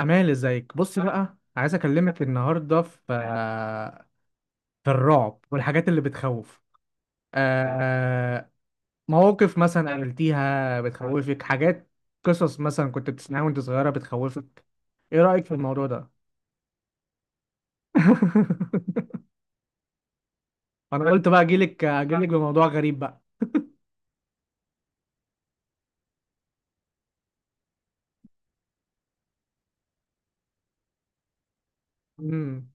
أمال ازيك؟ بص بقى، عايز أكلمك النهاردة في الرعب والحاجات اللي بتخوف. آه، مواقف مثلا قابلتيها بتخوفك، حاجات، قصص مثلا كنت بتسمعها وأنت صغيرة بتخوفك. إيه رأيك في الموضوع ده؟ أنا قلت بقى أجيلك بموضوع غريب بقى. مم.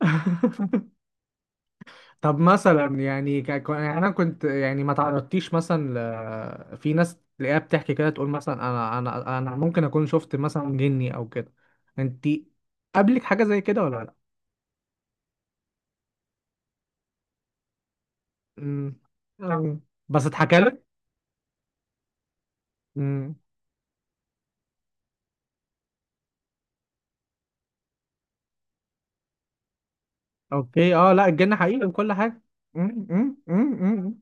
طب مثلا يعني يعني انا كنت، يعني ما تعرضتيش مثلا في ناس تلاقيها بتحكي كده، تقول مثلا انا ممكن اكون شفت مثلا جني او كده. انت، قابلك حاجه زي كده ولا لا؟ امم. أمم. بس اتحكى لك. امم. اوكي. اه. لا، الجن حقيقي وكل حاجه. امم، امم، امم، امم.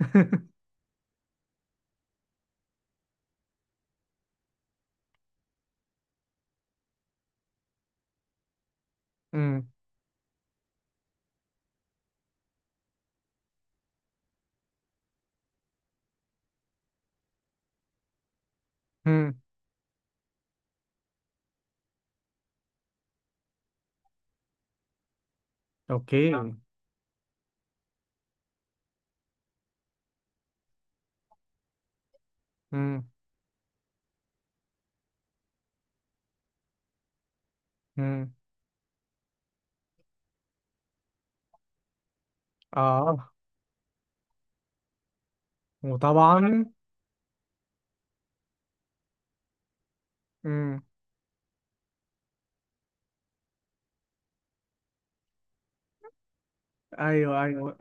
أمم. أمم. اوكي. امم. امم. اه. وطبعا. امم. ايوه، ايوه.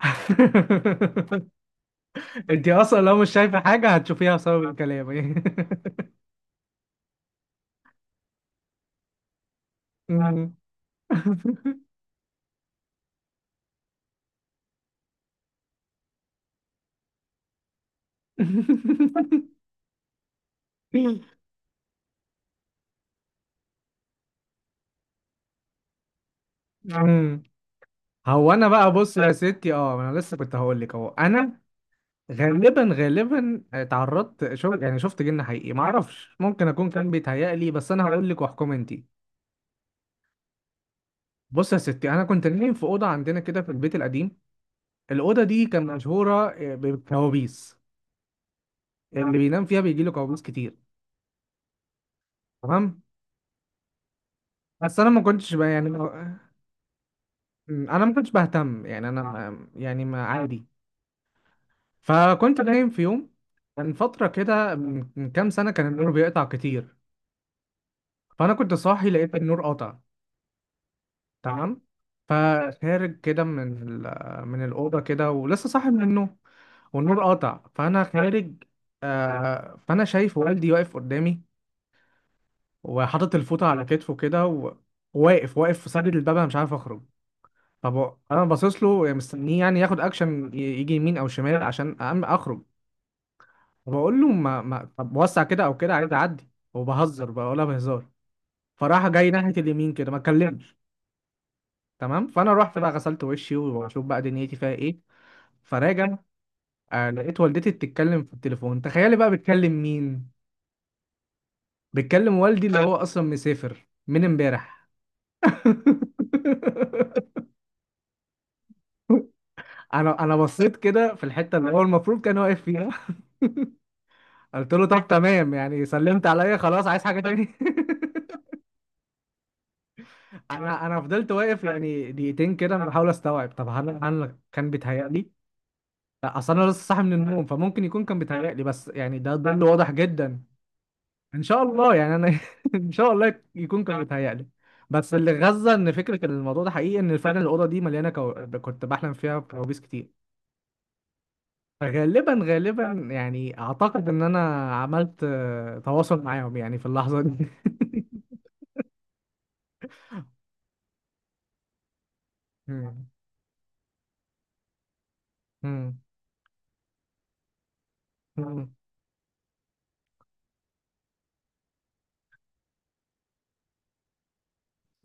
انت اصلا لو مش شايفه حاجه هتشوفيها بسبب كلامي. مم. مم. هو انا بقى بص يا ستي، اه انا لسه كنت هقول لك، اهو انا غالبا غالبا اتعرضت. شوف يعني، شفت جن حقيقي. ما اعرفش، ممكن اكون كان بيتهيألي بس انا هقول لك واحكم انت. بص يا ستي، انا كنت نايم في اوضه عندنا كده في البيت القديم. الاوضه دي كان مشهوره بكوابيس، اللي بينام فيها بيجي له كوابيس كتير. تمام. بس انا ما كنتش بقى يعني. انا ما كنتش بهتم، يعني انا يعني، ما، عادي. فكنت نايم في يوم، كان فتره كده من كام سنه، كان النور بيقطع كتير. فانا كنت صاحي، لقيت النور قطع. تمام. فخارج كده من من الاوضه كده، ولسه صاحي من النوم. والنور قطع، فانا خارج. فانا شايف والدي واقف قدامي، وحاطط الفوطه على كتفه كده وواقف واقف في سد الباب، انا مش عارف اخرج. طب انا باصص له مستنيه يعني ياخد اكشن، يجي يمين او شمال عشان اخرج. وبقول له ما طب وسع كده او كده، عايز اعدي، وبهزر بقى ولا بهزار. فراح جاي ناحيه اليمين كده، ما اتكلمش. تمام. فانا رحت بقى غسلت وشي واشوف بقى دنيتي فيها ايه. فراجع، لقيت والدتي بتتكلم في التليفون، تخيلي بقى بتكلم مين؟ بتكلم والدي اللي هو اصلا مسافر من امبارح. انا بصيت كده في الحته اللي هو المفروض كان واقف فيها. قلت له طب تمام يعني، سلمت عليا، خلاص عايز حاجه تاني؟ انا فضلت واقف يعني دقيقتين كده، انا بحاول استوعب، طب هل انا كان بيتهيألي؟ لا، اصل انا لسه صاحي من النوم، فممكن يكون كان بيتهيألي بس يعني ده ظل واضح جدا. ان شاء الله يعني انا، ان شاء الله يكون كان بيتهيألي. بس اللي غزة، ان فكرة الموضوع ده حقيقي، ان فعلا الاوضة دي مليانة كنت بحلم فيها كوابيس كتير. غالبا غالبا يعني اعتقد ان انا عملت تواصل معاهم يعني في اللحظة دي. مم. مم. مم.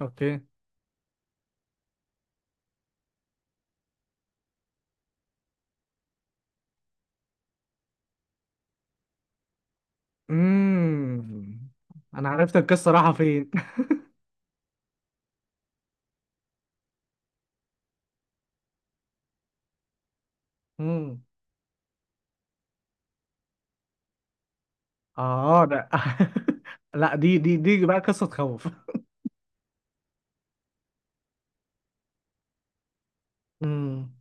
اوكي. امم. انا عرفت القصه رايحه فين. امم. اه، ده. لا، دي بقى قصه تخوف. امم.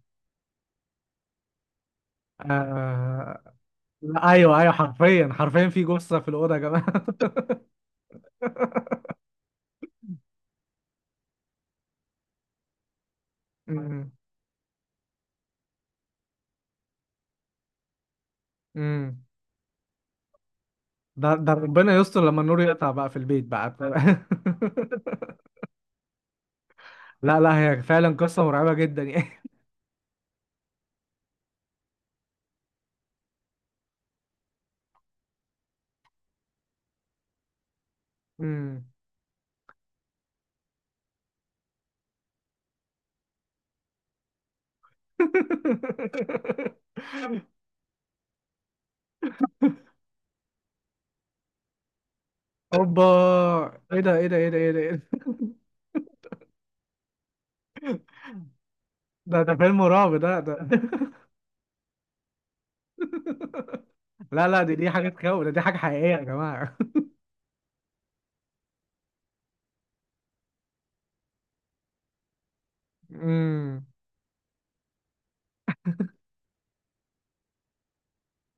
آه... لا، ايوه، ايوه، حرفيا حرفيا في جثه في الاوضه يا جماعه. امم. امم. ده ربنا يستر لما النور يقطع بقى في البيت بقى. لا، لا، هي فعلا قصه مرعبه جدا يعني. امم. اوبا! ايه ده، ايه ده، ايه ده، ايه ده، إيه ده! ده فيلم رعب ده. لا، لا، دي حاجة تخوف. ده دي حاجة حقيقية يا جماعة. امم.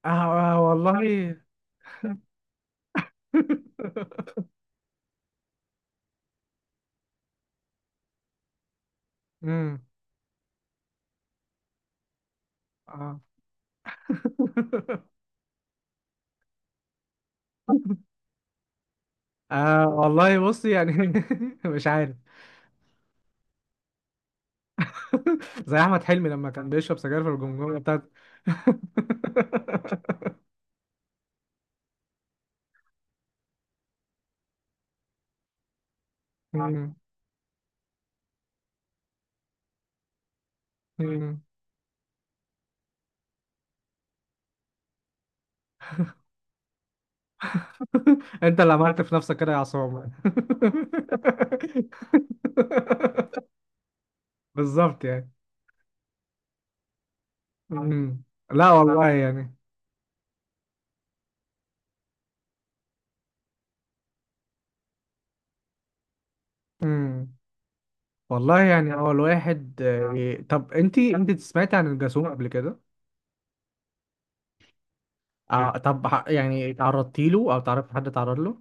آه، آه والله. امم. آه. آه والله بص يعني. مش عارف. زي أحمد حلمي لما كان بيشرب سجاير في الجمجمة بتاعته. امم. امم. أنت اللي عملت في نفسك كده يا عصام. بالظبط يعني. مم. لا والله يعني. امم. والله يعني هو الواحد، طب انت سمعتي عن الجاسوم قبل كده؟ طب يعني تعرضتي له او تعرفي حد تعرض له؟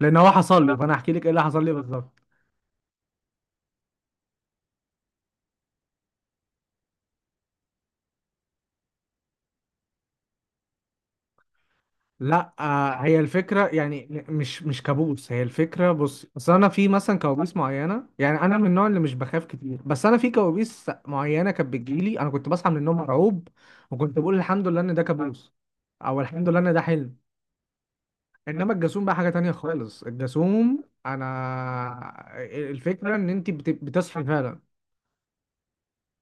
لان هو حصل لي، فانا احكي لك ايه اللي حصل لي بالظبط. لا، هي الفكره يعني، مش كابوس. هي الفكره بص، اصل انا في مثلا كوابيس معينه يعني، انا من النوع اللي مش بخاف كتير، بس انا في كوابيس معينه كانت بتجيلي، انا كنت بصحى من النوم مرعوب، وكنت بقول الحمد لله ان ده كابوس، او الحمد لله ان ده حلم. انما الجاسوم بقى حاجه تانية خالص. الجاسوم، انا الفكره ان انت بتصحي فعلا.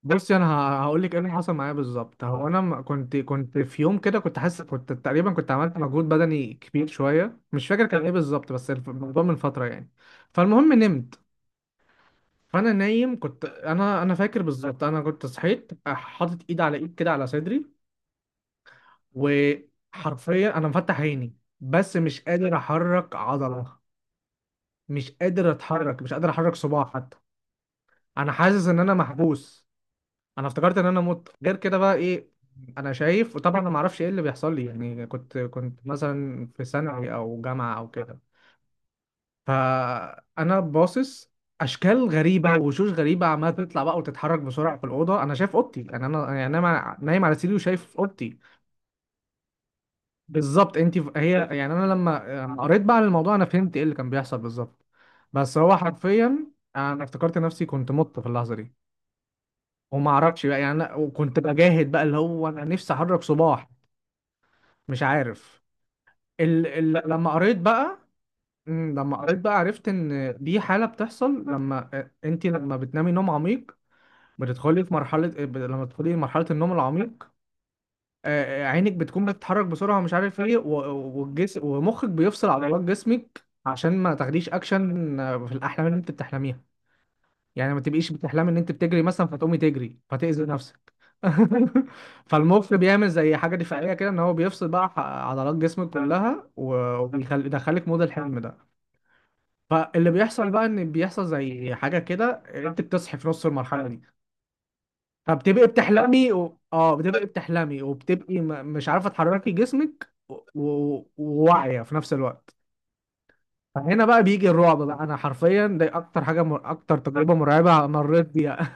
بصي، انا هقول لك ايه اللي حصل معايا بالظبط. هو انا كنت في يوم كده، كنت حاسس، كنت تقريبا كنت عملت مجهود بدني كبير شويه، مش فاكر كان ايه بالظبط، بس الموضوع من فتره يعني. فالمهم نمت. فانا نايم، كنت انا فاكر بالظبط، انا كنت صحيت حاطط ايد على ايد كده على صدري. وحرفيا انا مفتح عيني بس مش قادر احرك عضله، مش قادر اتحرك، مش قادر احرك صباعي حتى. انا حاسس ان انا محبوس. انا افتكرت ان انا مت، غير كده بقى ايه؟ انا شايف، وطبعا انا ما اعرفش ايه اللي بيحصل لي، يعني كنت مثلا في ثانوي او جامعه او كده. فانا باصص، اشكال غريبه ووشوش غريبه عماله تطلع بقى وتتحرك بسرعه في الاوضه، انا شايف اوضتي، يعني انا نايم على سريري وشايف اوضتي. بالظبط انت. هي يعني انا، لما قريت بقى عن الموضوع، انا فهمت ايه اللي كان بيحصل بالظبط. بس هو حرفيا، انا افتكرت نفسي كنت مت في اللحظه دي. وما اعرفش بقى يعني، انا وكنت بجاهد بقى اللي هو انا نفسي احرك صباح. مش عارف. لما قريت بقى، لما قريت بقى، عرفت ان دي حاله بتحصل لما انت لما بتنامي نوم عميق. بتدخلي في مرحله، لما تدخلي مرحله النوم العميق، عينك بتكون بتتحرك بسرعه ومش عارف ايه، والجسم، ومخك بيفصل عضلات جسمك عشان ما تاخديش اكشن في الاحلام اللي انت بتحلميها. يعني ما تبقيش بتحلمي ان انت بتجري مثلا فتقومي تجري فتأذي نفسك. فالمخ بيعمل زي حاجه دفاعيه كده، ان هو بيفصل بقى عضلات جسمك كلها، وبيدخلك مود الحلم ده. فاللي بيحصل بقى ان بيحصل زي حاجه كده، انت بتصحي في نص المرحله دي. فبتبقي بتحلمي و... اه بتبقي بتحلمي، وبتبقي مش عارفه تحركي جسمك وواعيه في نفس الوقت. فهنا بقى بيجي الرعب بقى، انا حرفيا دي اكتر حاجه اكتر تجربه مرعبه مريت بيها.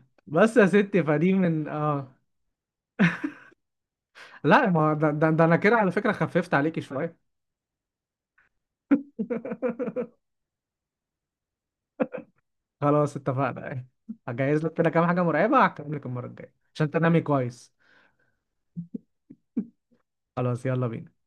بس يا ستي فدي من لا ما ده انا كده على فكره خففت عليكي شويه. خلاص، اتفقنا. هجهز لك كده كام حاجه مرعبه، هكمل لك المره الجايه عشان تنامي كويس. خلاص، يلا بينا.